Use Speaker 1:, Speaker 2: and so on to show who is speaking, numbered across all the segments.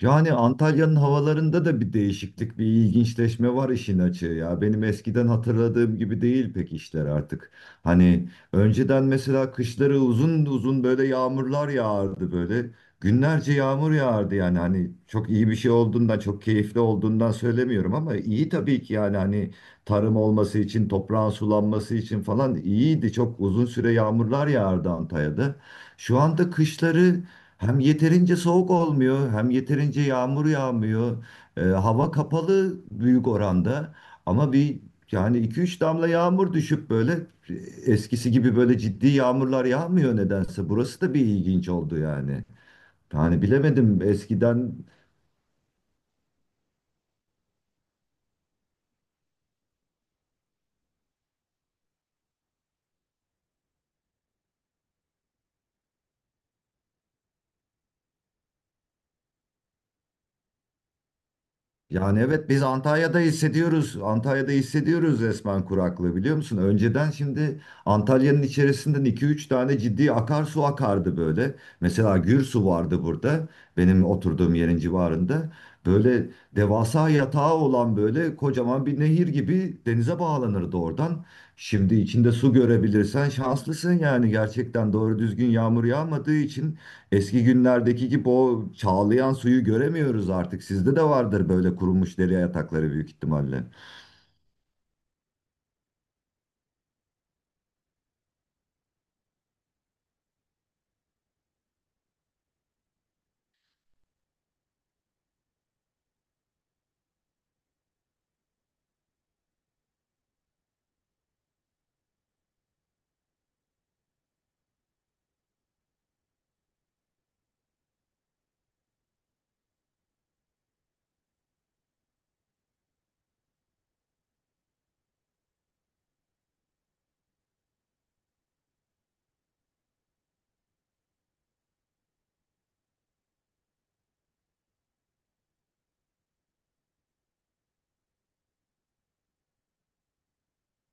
Speaker 1: Yani Antalya'nın havalarında da bir değişiklik, bir ilginçleşme var işin açığı ya. Benim eskiden hatırladığım gibi değil pek işler artık. Hani önceden mesela kışları uzun uzun böyle yağmurlar yağardı böyle. Günlerce yağmur yağardı yani hani çok iyi bir şey olduğundan, çok keyifli olduğundan söylemiyorum ama iyi tabii ki yani hani tarım olması için, toprağın sulanması için falan iyiydi. Çok uzun süre yağmurlar yağardı Antalya'da. Şu anda kışları hem yeterince soğuk olmuyor, hem yeterince yağmur yağmıyor. Hava kapalı büyük oranda. Ama bir yani iki üç damla yağmur düşüp böyle eskisi gibi böyle ciddi yağmurlar yağmıyor nedense. Burası da bir ilginç oldu yani. Yani bilemedim eskiden. Yani evet biz Antalya'da hissediyoruz. Antalya'da hissediyoruz resmen kuraklığı, biliyor musun? Önceden şimdi Antalya'nın içerisinden 2-3 tane ciddi akarsu akardı böyle. Mesela Gürsu vardı burada, benim oturduğum yerin civarında. Böyle devasa yatağı olan böyle kocaman bir nehir gibi denize bağlanırdı oradan. Şimdi içinde su görebilirsen şanslısın yani, gerçekten doğru düzgün yağmur yağmadığı için eski günlerdeki gibi o çağlayan suyu göremiyoruz artık. Sizde de vardır böyle kurumuş deri yatakları büyük ihtimalle.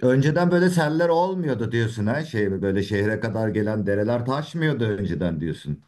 Speaker 1: Önceden böyle seller olmuyordu diyorsun ha. Şey, böyle şehre kadar gelen dereler taşmıyordu önceden diyorsun.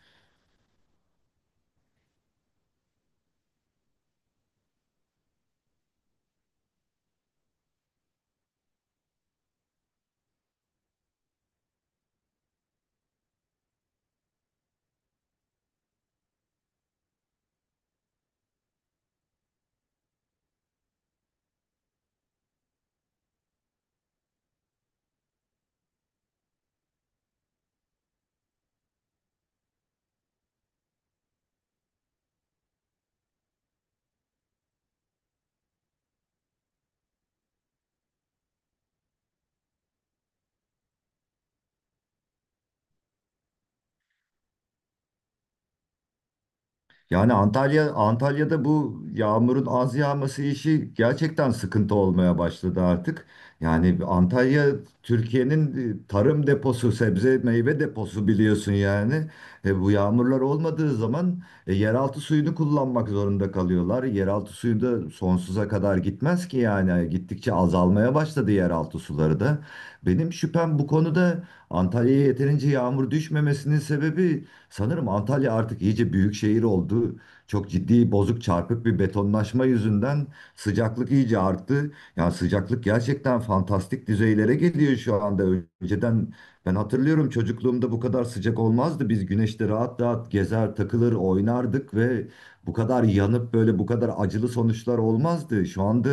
Speaker 1: Yani Antalya'da bu yağmurun az yağması işi gerçekten sıkıntı olmaya başladı artık. Yani Antalya Türkiye'nin tarım deposu, sebze meyve deposu, biliyorsun yani. Bu yağmurlar olmadığı zaman yeraltı suyunu kullanmak zorunda kalıyorlar. Yeraltı suyu da sonsuza kadar gitmez ki yani. Gittikçe azalmaya başladı yeraltı suları da. Benim şüphem bu konuda, Antalya'ya yeterince yağmur düşmemesinin sebebi, sanırım Antalya artık iyice büyük şehir oldu. Çok ciddi bozuk çarpık bir betonlaşma yüzünden sıcaklık iyice arttı. Yani sıcaklık gerçekten fantastik düzeylere geliyor şu anda. Önceden, ben hatırlıyorum, çocukluğumda bu kadar sıcak olmazdı. Biz güneşte rahat rahat gezer, takılır, oynardık ve bu kadar yanıp böyle bu kadar acılı sonuçlar olmazdı. Şu anda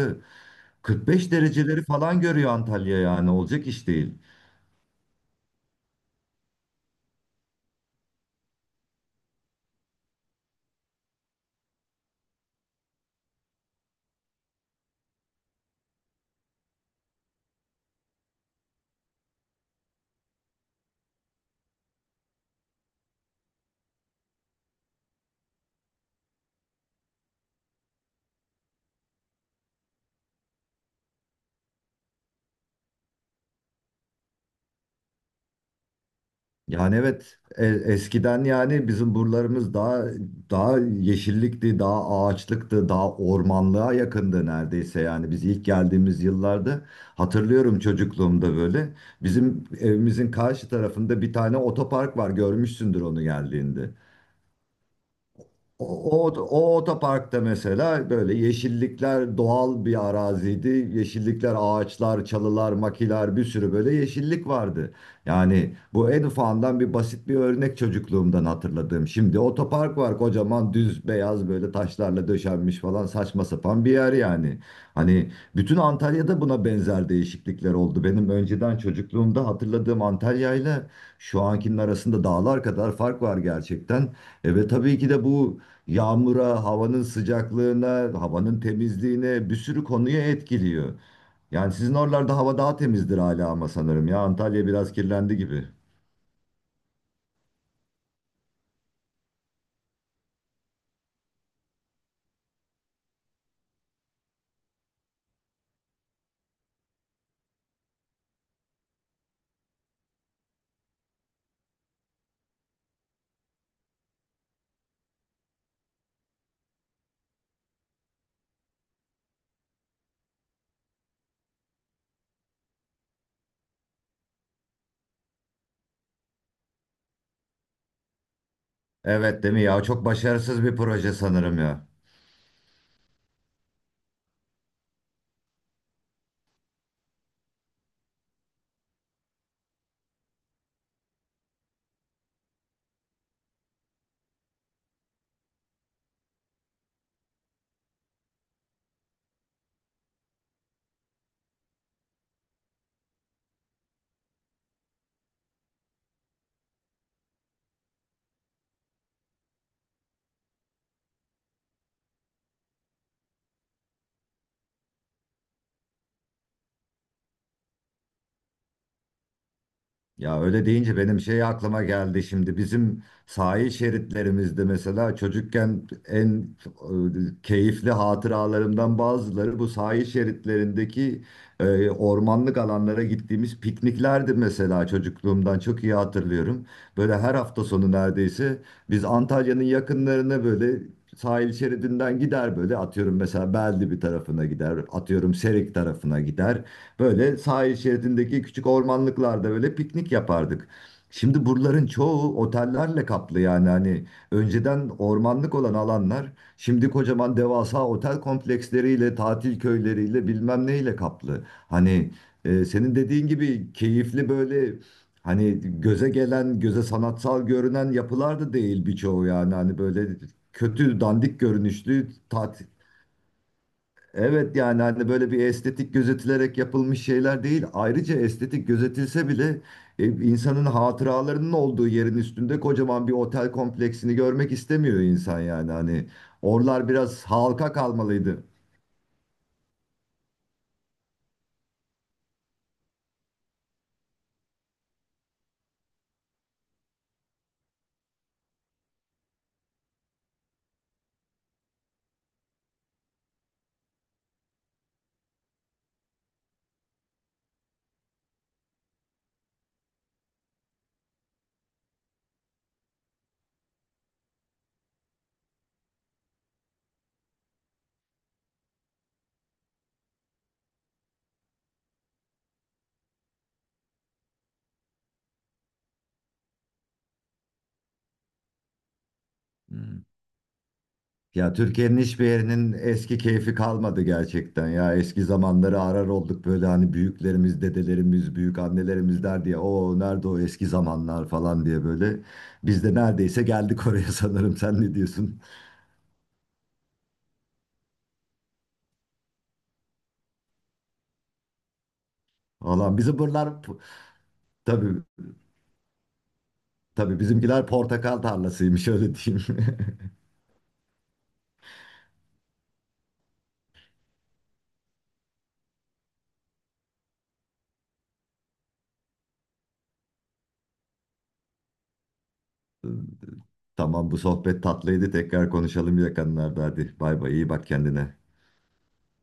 Speaker 1: 45 dereceleri falan görüyor Antalya, yani olacak iş değil. Yani evet, eskiden yani bizim buralarımız daha yeşillikti, daha ağaçlıktı, daha ormanlığa yakındı neredeyse. Yani biz ilk geldiğimiz yıllarda, hatırlıyorum çocukluğumda böyle, bizim evimizin karşı tarafında bir tane otopark var, görmüşsündür onu geldiğinde. O, o otoparkta mesela böyle yeşillikler, doğal bir araziydi. Yeşillikler, ağaçlar, çalılar, makiler, bir sürü böyle yeşillik vardı. Yani bu en ufağından bir basit bir örnek çocukluğumdan hatırladığım. Şimdi otopark var kocaman, düz beyaz böyle taşlarla döşenmiş falan, saçma sapan bir yer yani. Hani bütün Antalya'da buna benzer değişiklikler oldu. Benim önceden çocukluğumda hatırladığım Antalya'yla şu ankinin arasında dağlar kadar fark var gerçekten. E ve tabii ki de bu yağmura, havanın sıcaklığına, havanın temizliğine, bir sürü konuya etkiliyor. Yani sizin oralarda hava daha temizdir hala ama sanırım ya Antalya biraz kirlendi gibi. Evet değil mi ya? Çok başarısız bir proje sanırım ya. Ya öyle deyince benim şey aklıma geldi şimdi, bizim sahil şeritlerimizde mesela çocukken en keyifli hatıralarımdan bazıları bu sahil şeritlerindeki ormanlık alanlara gittiğimiz pikniklerdi mesela, çocukluğumdan çok iyi hatırlıyorum. Böyle her hafta sonu neredeyse biz Antalya'nın yakınlarına böyle sahil şeridinden gider, böyle atıyorum mesela Belde bir tarafına gider, atıyorum Serik tarafına gider. Böyle sahil şeridindeki küçük ormanlıklarda böyle piknik yapardık. Şimdi buraların çoğu otellerle kaplı yani. Hani önceden ormanlık olan alanlar şimdi kocaman devasa otel kompleksleriyle, tatil köyleriyle bilmem neyle kaplı. Hani senin dediğin gibi keyifli böyle, hani göze gelen, göze sanatsal görünen yapılar da değil birçoğu yani, hani böyle kötü dandik görünüşlü tat... Evet yani hani böyle bir estetik gözetilerek yapılmış şeyler değil. Ayrıca estetik gözetilse bile insanın hatıralarının olduğu yerin üstünde kocaman bir otel kompleksini görmek istemiyor insan yani. Hani oralar biraz halka kalmalıydı. Hmm. Ya Türkiye'nin hiçbir yerinin eski keyfi kalmadı gerçekten ya. Eski zamanları arar olduk böyle, hani büyüklerimiz, dedelerimiz, büyük annelerimiz der diye, o nerede o eski zamanlar falan diye böyle. Biz de neredeyse geldik oraya sanırım. Sen ne diyorsun? Valla bizim buralar tabii, tabii bizimkiler portakal tarlasıymış, öyle diyeyim. Tamam, bu sohbet tatlıydı. Tekrar konuşalım yakınlarda. Hadi bay bay, iyi bak kendine.